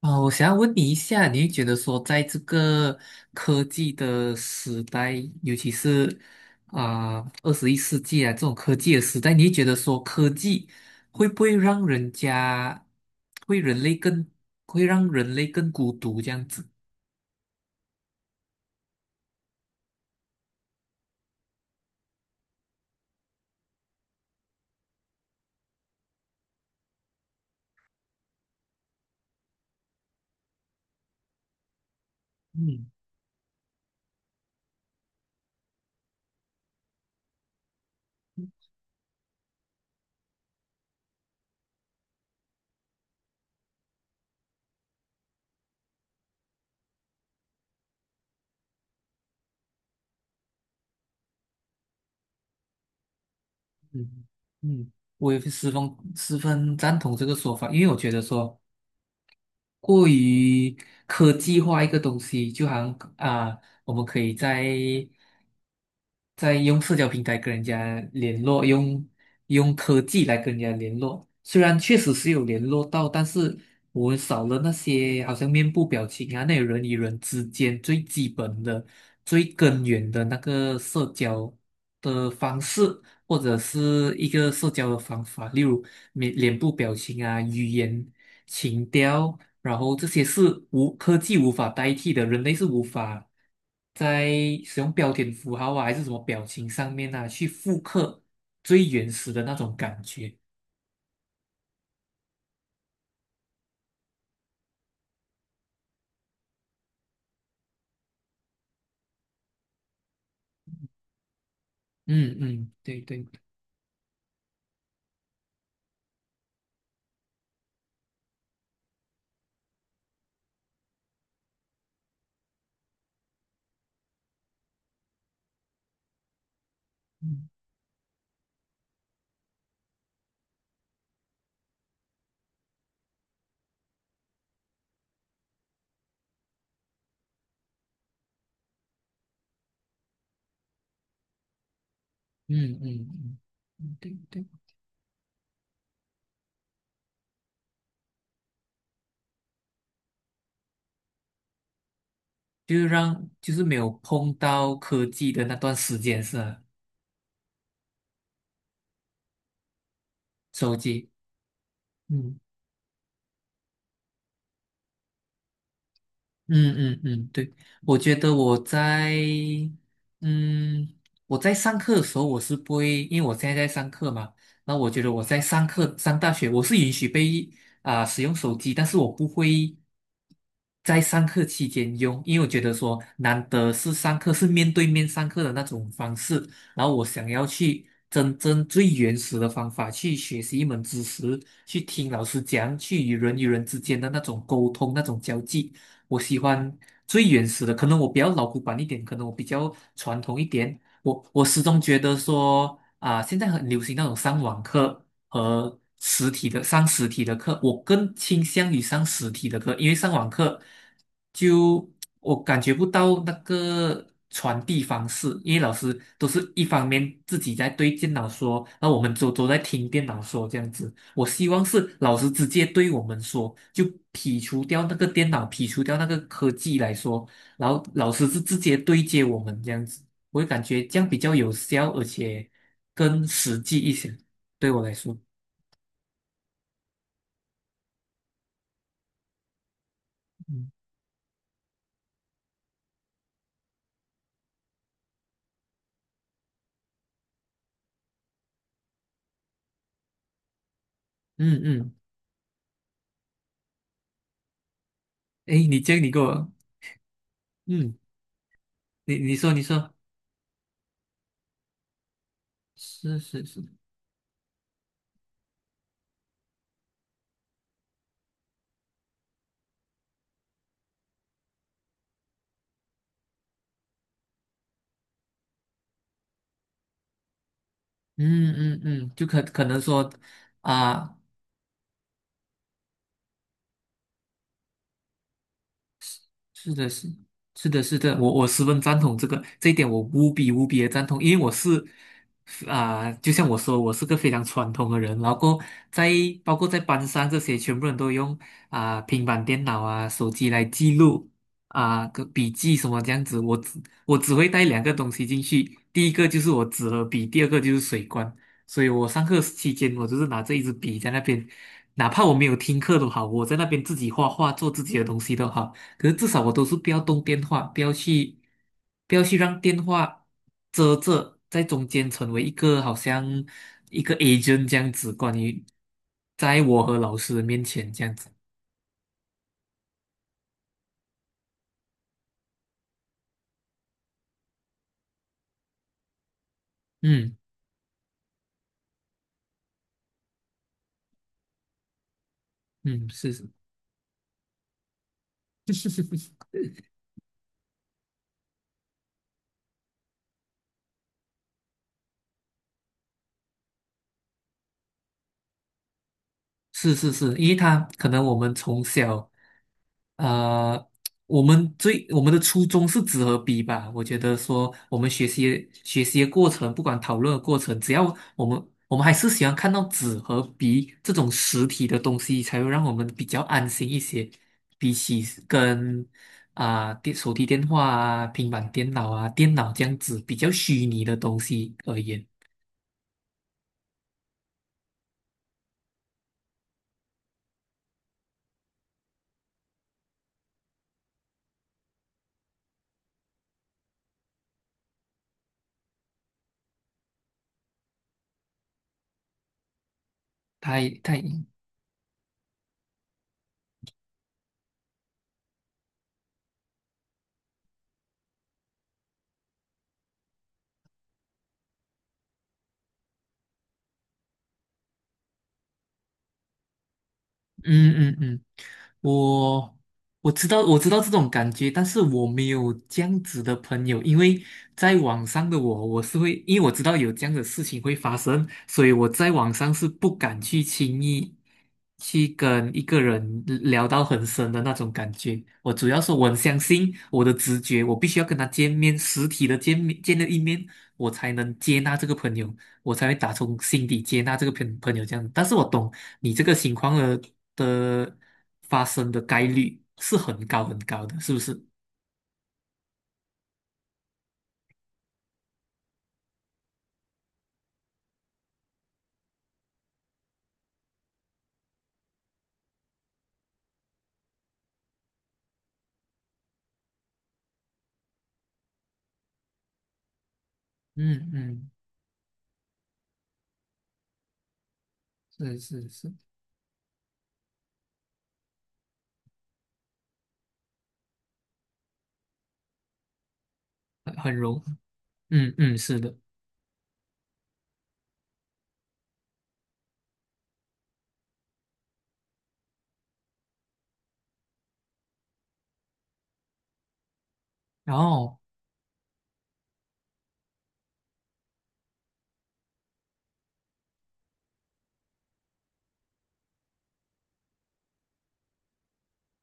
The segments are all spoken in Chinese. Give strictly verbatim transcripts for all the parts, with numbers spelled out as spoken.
啊，我想要问你一下，你会觉得说，在这个科技的时代，尤其是啊二十一世纪啊这种科技的时代，你会觉得说，科技会不会让人家，会人类更，会让人类更孤独这样子？嗯嗯嗯，我也是十分十分赞同这个说法，因为我觉得说过于科技化一个东西，就好像啊、我们可以在在用社交平台跟人家联络，用用科技来跟人家联络。虽然确实是有联络到，但是我们少了那些好像面部表情啊，那种人与人之间最基本的、最根源的那个社交的方式，或者是一个社交的方法，例如面脸部表情啊、语言。情调，然后这些是无科技无法代替的，人类是无法在使用标点符号啊，还是什么表情上面啊，去复刻最原始的那种感觉。嗯嗯，对对，嗯嗯嗯嗯，嗯对对，就是让就是没有碰到科技的那段时间是吧？手机，嗯。嗯嗯嗯，对，我觉得我在，嗯，我在上课的时候，我是不会，因为我现在在上课嘛，那我觉得我在上课上大学，我是允许被啊、使用手机，但是我不会在上课期间用，因为我觉得说难得是上课是面对面上课的那种方式，然后我想要去真正最原始的方法去学习一门知识，去听老师讲，去与人与人之间的那种沟通，那种交际。我喜欢最原始的，可能我比较老古板一点，可能我比较传统一点。我我始终觉得说啊、现在很流行那种上网课，和实体的上实体的课，我更倾向于上实体的课，因为上网课就我感觉不到那个传递方式，因为老师都是一方面自己在对电脑说，那我们都都在听电脑说这样子。我希望是老师直接对我们说，就剔除掉那个电脑，剔除掉那个科技来说，然后老师是直接对接我们这样子，我会感觉这样比较有效，而且更实际一些，对我来说。嗯嗯嗯，诶，你这个你给我，嗯，你你说你说，是是是，嗯嗯嗯，就可可能说啊、是的，是是的，是的，我我十分赞同这个这一点，我无比无比的赞同，因为我是啊、就像我说，我是个非常传统的人，然后过在包括在班上这些，全部人都用啊、平板电脑啊、手机来记录啊、个笔记什么这样子，我只我只会带两个东西进去，第一个就是我纸和笔，第二个就是水罐，所以我上课期间我就是拿这一支笔在那边，哪怕我没有听课都好，我在那边自己画画做自己的东西都好。可是至少我都是不要动电话，不要去，不要去让电话遮着，在中间成为一个好像一个 agent 这样子，关于在我和老师的面前这样子。嗯嗯，是是。是是是，因为他可能我们从小，呃，我们最我们的初衷是纸和笔吧。我觉得说我们学习学习的过程，不管讨论的过程，只要我们我们还是喜欢看到纸和笔这种实体的东西，才会让我们比较安心一些，比起跟啊、电手提电话啊、平板电脑啊、电脑这样子比较虚拟的东西而言，太太。嗯嗯嗯，我我知道我知道这种感觉，但是我没有这样子的朋友，因为在网上的我，我是会，因为我知道有这样的事情会发生，所以我在网上是不敢去轻易去跟一个人聊到很深的那种感觉。我主要是我很相信我的直觉，我必须要跟他见面，实体的见面见了一面，我才能接纳这个朋友。我才会打从心底接纳这个朋朋友这样。但是我懂你这个情况的的发生的概率是很高很高的，是不是？嗯嗯，是是是，很很容，嗯嗯是的。然后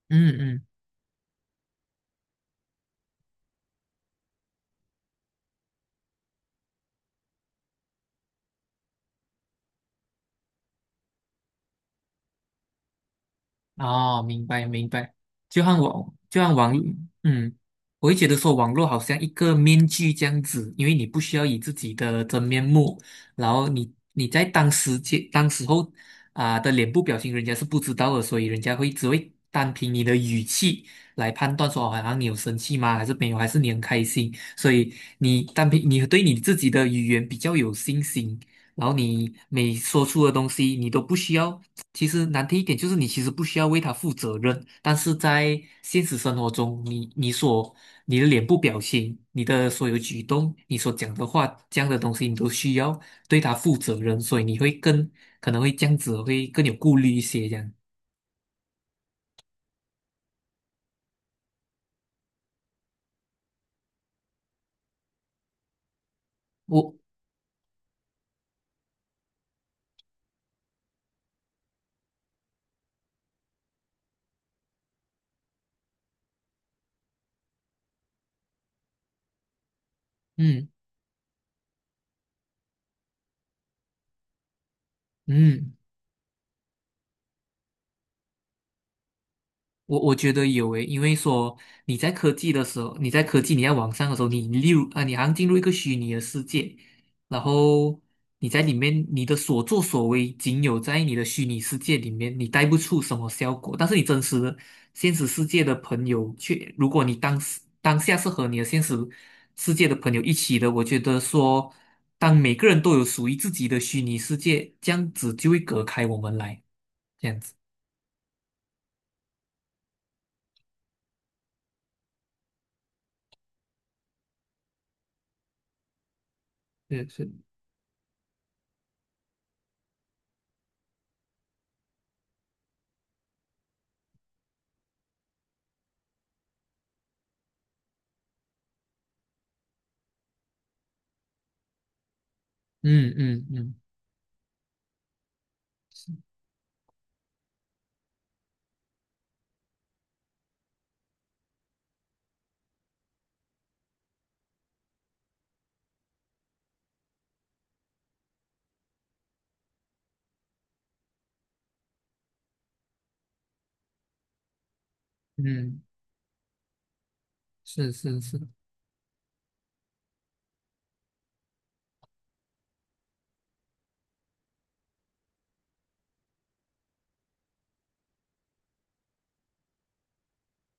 嗯嗯。哦，明白明白，就像网就像网，嗯，我会觉得说网络好像一个面具这样子，因为你不需要以自己的真面目，然后你你在当时间当时候啊、的脸部表情，人家是不知道的，所以人家会只会单凭你的语气来判断说，哦，好像你有生气吗？还是没有？还是你很开心？所以你单凭你对你自己的语言比较有信心，然后你每说出的东西，你都不需要。其实难听一点，就是你其实不需要为他负责任。但是在现实生活中，你你所你的脸部表情、你的所有举动、你所讲的话，这样的东西，你都需要对他负责任。所以你会更可能会这样子，会更有顾虑一些。这样，我嗯嗯。我我觉得有诶，因为说你在科技的时候，你在科技你在网上的时候，你例如啊，你好像进入一个虚拟的世界，然后你在里面你的所作所为仅有在你的虚拟世界里面，你带不出什么效果。但是你真实的现实世界的朋友却，如果你当时当下是和你的现实世界的朋友一起的，我觉得说，当每个人都有属于自己的虚拟世界，这样子就会隔开我们来，这样子。是是，嗯嗯嗯嗯。是是是，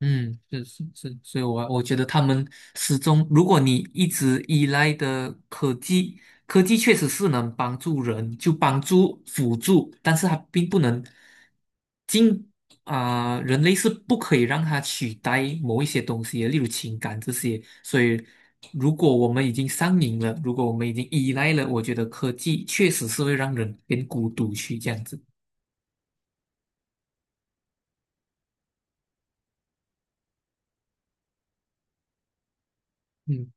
嗯，是是是，所以我我觉得他们始终，如果你一直依赖的科技，科技确实是能帮助人，就帮助辅助，但是它并不能进啊、人类是不可以让它取代某一些东西的，例如情感这些。所以，如果我们已经上瘾了，如果我们已经依赖了，我觉得科技确实是会让人变孤独去这样子。嗯，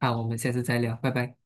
好，我们下次再聊，拜拜。